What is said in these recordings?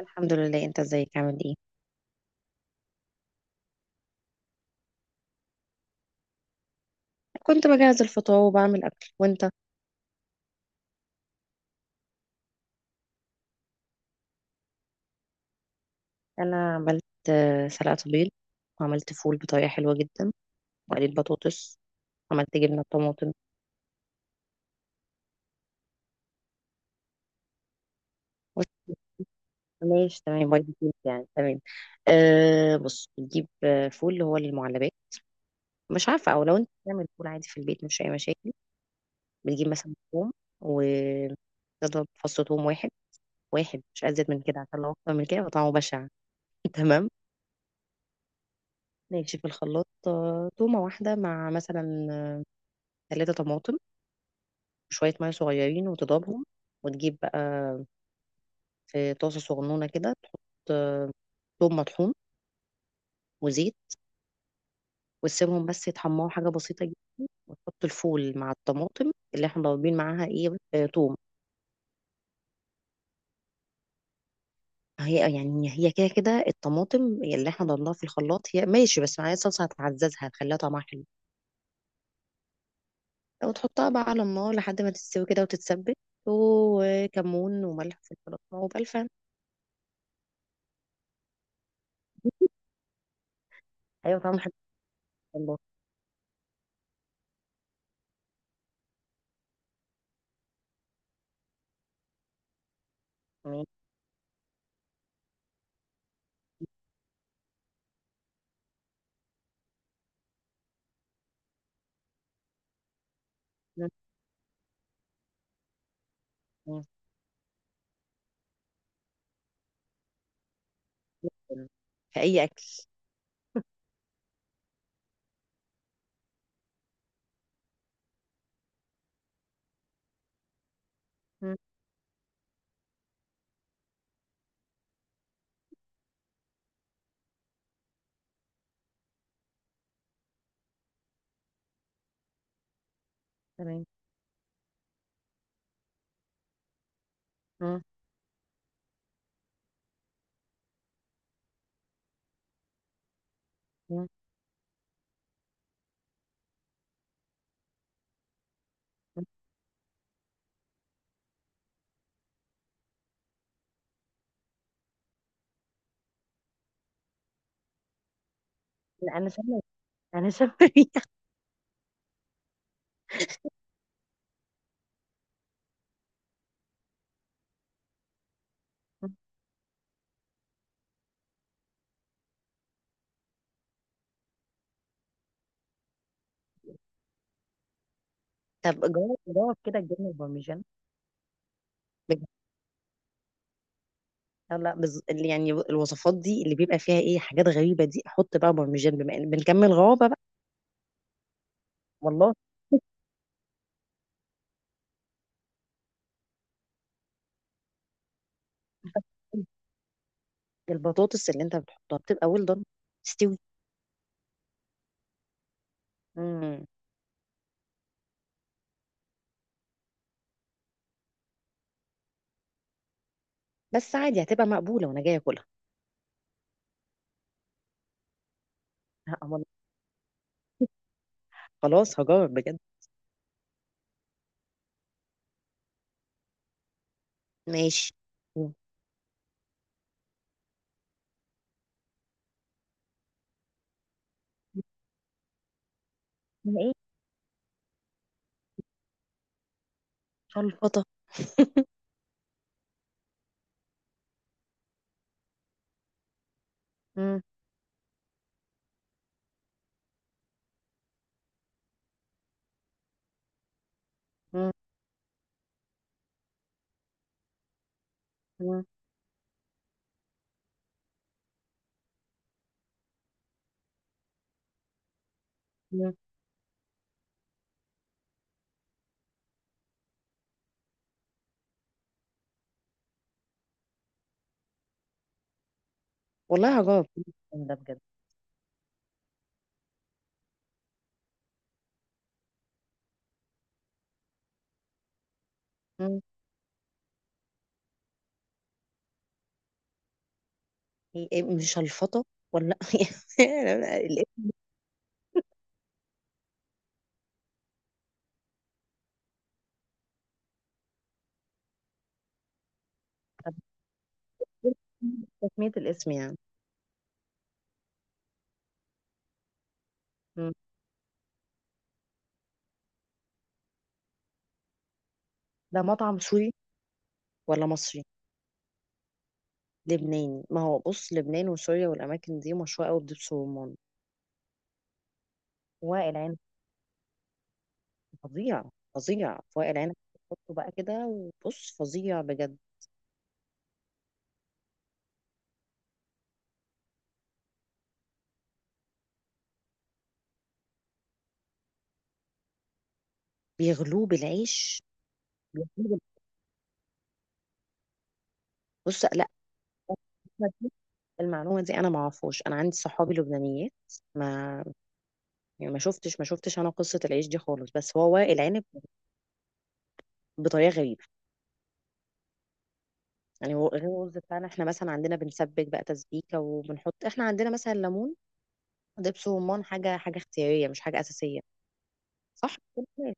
الحمد لله، انت ازيك؟ عامل ايه؟ كنت بجهز الفطار وبعمل اكل، وانت؟ انا عملت سلقة بيض، وعملت فول بطريقة حلوة جدا، وقليت بطاطس، عملت جبنة طماطم. بص، ماشي تمام وايت بيض يعني تمام. أه بص، بتجيب فول اللي هو المعلبات، مش عارفة، او لو انت بتعمل فول عادي في البيت مش اي مشاكل. بتجيب مثلا توم، وتضرب فص توم واحد، واحد مش ازيد من كده عشان لو اكتر من كده يبقى طعمه بشع. تمام. ماشي في الخلاط تومة واحدة مع مثلا ثلاثة طماطم وشوية مية صغيرين، وتضربهم. وتجيب بقى في طاسة صغنونة كده تحط آه، ثوم مطحون وزيت، وتسيبهم بس يتحمروا حاجة بسيطة جدا، وتحط الفول مع الطماطم اللي احنا ضاربين معاها ايه توم. هي يعني هي كده كده، الطماطم اللي احنا ضربناها في الخلاط هي ماشي، بس معايا صلصة هتعززها هتخليها طعمها حلو. وتحطها بقى على النار لحد ما تستوي كده وتتسبك، وكمون وملح في الفلفل وبألفان. ايوه طعمها حلو والله. تمام. في اي اكل. مم. تمام. مم. مم. مم. لا، انا شامه، انا شامه ريحة. طب جوه جوه كده الجبنه البارميجان؟ بجد. لا لا، اللي يعني الوصفات دي اللي بيبقى فيها ايه حاجات غريبه دي، احط بقى بارميجان بما ان بنكمل غرابه بقى. والله. البطاطس اللي انت بتحطها بتبقى ويل دون، تستوي. مم. بس عادي هتبقى مقبوله وانا جايه اكلها. والله. خلاص هجرب بجد. ماشي. مم. ايه؟ شلفطه. مم. مم. مم. مم. والله هجرب ده بجد. إيه، إيه، مش الفطة ولا يعني الاسم؟ تسمية الاسم يعني. مم. ده مطعم سوري ولا مصري؟ لبناني. ما هو بص، لبنان وسوريا والأماكن دي مشهورة قوي بدبس الرمان. وائل عنب فظيع، فظيع في وائل عنب. تحطه بقى كده وبص فظيع بجد. بيغلوه بالعيش. بيغلوه بال- بص لا، المعلومة دي أنا ما أعرفهاش. أنا عندي صحابي لبنانيات، ما يعني، ما شفتش ما شفتش أنا قصة العيش دي خالص، بس هو وائل عنب بطريقة غريبة. غير الرز بتاعنا احنا مثلا، عندنا بنسبك بقى تسبيكه، وبنحط احنا عندنا مثلا ليمون، دبس رمان. حاجه حاجه اختياريه مش حاجه اساسيه، صح كده؟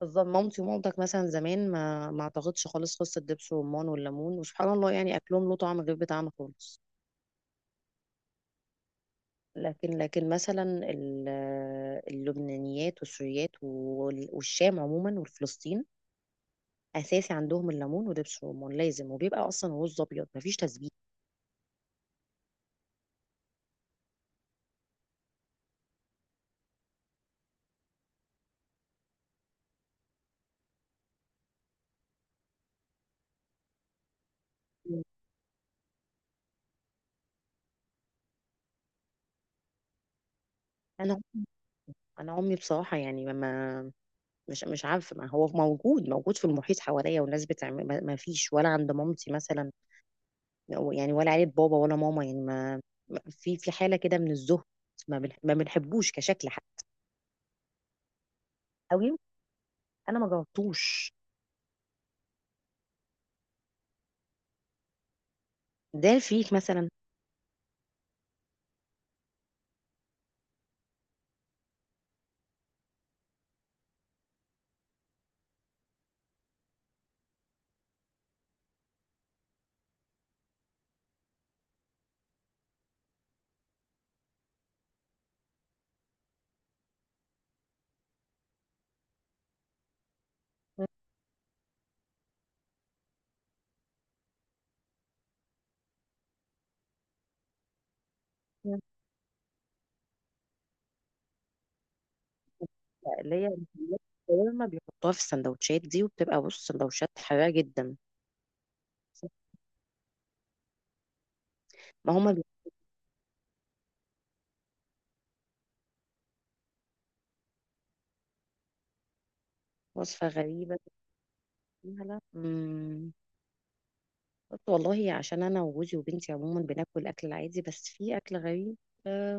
بالظبط، مامتي ومامتك مثلا زمان ما اعتقدش خالص قصه دبس رمان والليمون، وسبحان الله يعني اكلهم له طعم غير بتاعنا خالص. لكن مثلا اللبنانيات والسوريات والشام عموما والفلسطين، اساسي عندهم الليمون ودبس الرمان لازم، وبيبقى اصلا رز ابيض مفيش تسبيك. انا انا امي بصراحه يعني ما، مش عارفة. ما هو موجود موجود في المحيط حواليا والناس بتعمل، ما فيش ولا عند مامتي مثلا. يعني ولا عيلة بابا ولا ماما يعني ما، في في حالة كده من الزهد، ما بنحبوش كشكل حتى. او يمكن انا ما جربتوش، ده فيك مثلا. اللي هي الشاورما بيحطوها في السندوتشات دي، وبتبقى بص سندوتشات حراقة جدا. ما هما بي- وصفة غريبة فيها، لا. مم. قلت والله، عشان أنا وجوزي وبنتي عموما بناكل الأكل العادي، بس في أكل غريب. آه،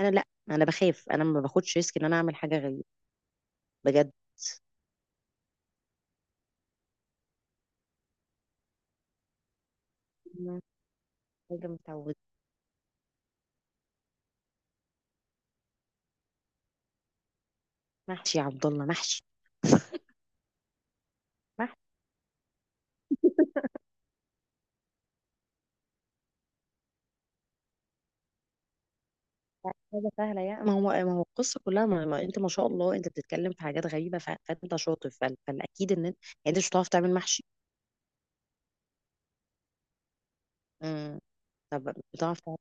لا، انا بخاف. انا ما باخدش ريسك ان انا اعمل حاجه غريبه، بجد. أنا. حاجه متعوده. محشي يا عبد الله، محشي. محشي. حاجه سهله يعني. ما هو القصه كلها ما, ما انت ما شاء الله انت بتتكلم في حاجات غريبه، فانت شاطر، فالاكيد ان انت يعني انت مش بتعرف تعمل محشي. امم. طب بتعرف تعمل؟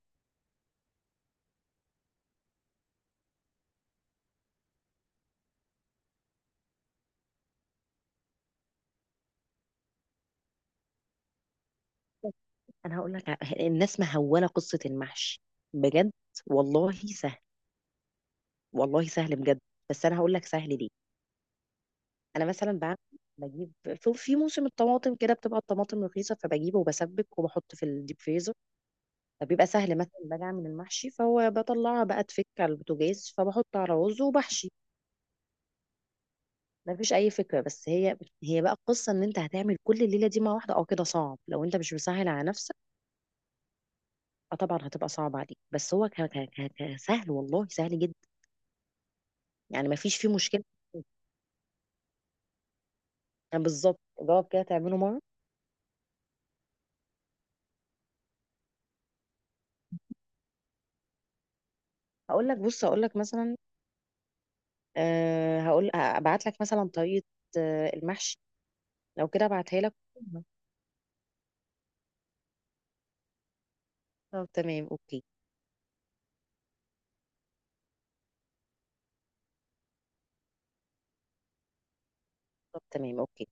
انا هقول لك، الناس مهوله قصه المحشي، بجد. والله سهل، والله سهل بجد. بس انا هقول لك سهل ليه. انا مثلا بعمل، بجيب في موسم الطماطم كده بتبقى الطماطم رخيصه، فبجيبه وبسبك وبحط في الديب فريزر. فبيبقى سهل، مثلا باجي اعمل المحشي فهو بطلعها بقى تفك على البوتاجاز، فبحط على رز وبحشي. ما فيش اي فكره. بس هي بقى القصه ان انت هتعمل كل الليله دي مع واحده، اه كده صعب لو انت مش مسهل على نفسك. اه طبعا هتبقى صعب عليك، بس هو سهل والله سهل جدا، يعني ما فيش فيه مشكله. يعني بالظبط جواب كده تعمله مره. هقول لك، بص، هقول لك مثلا، أه هقول ابعت لك مثلا طريقة المحشي، لو كده ابعتها لك. طب تمام، اوكي. طب تمام، اوكي.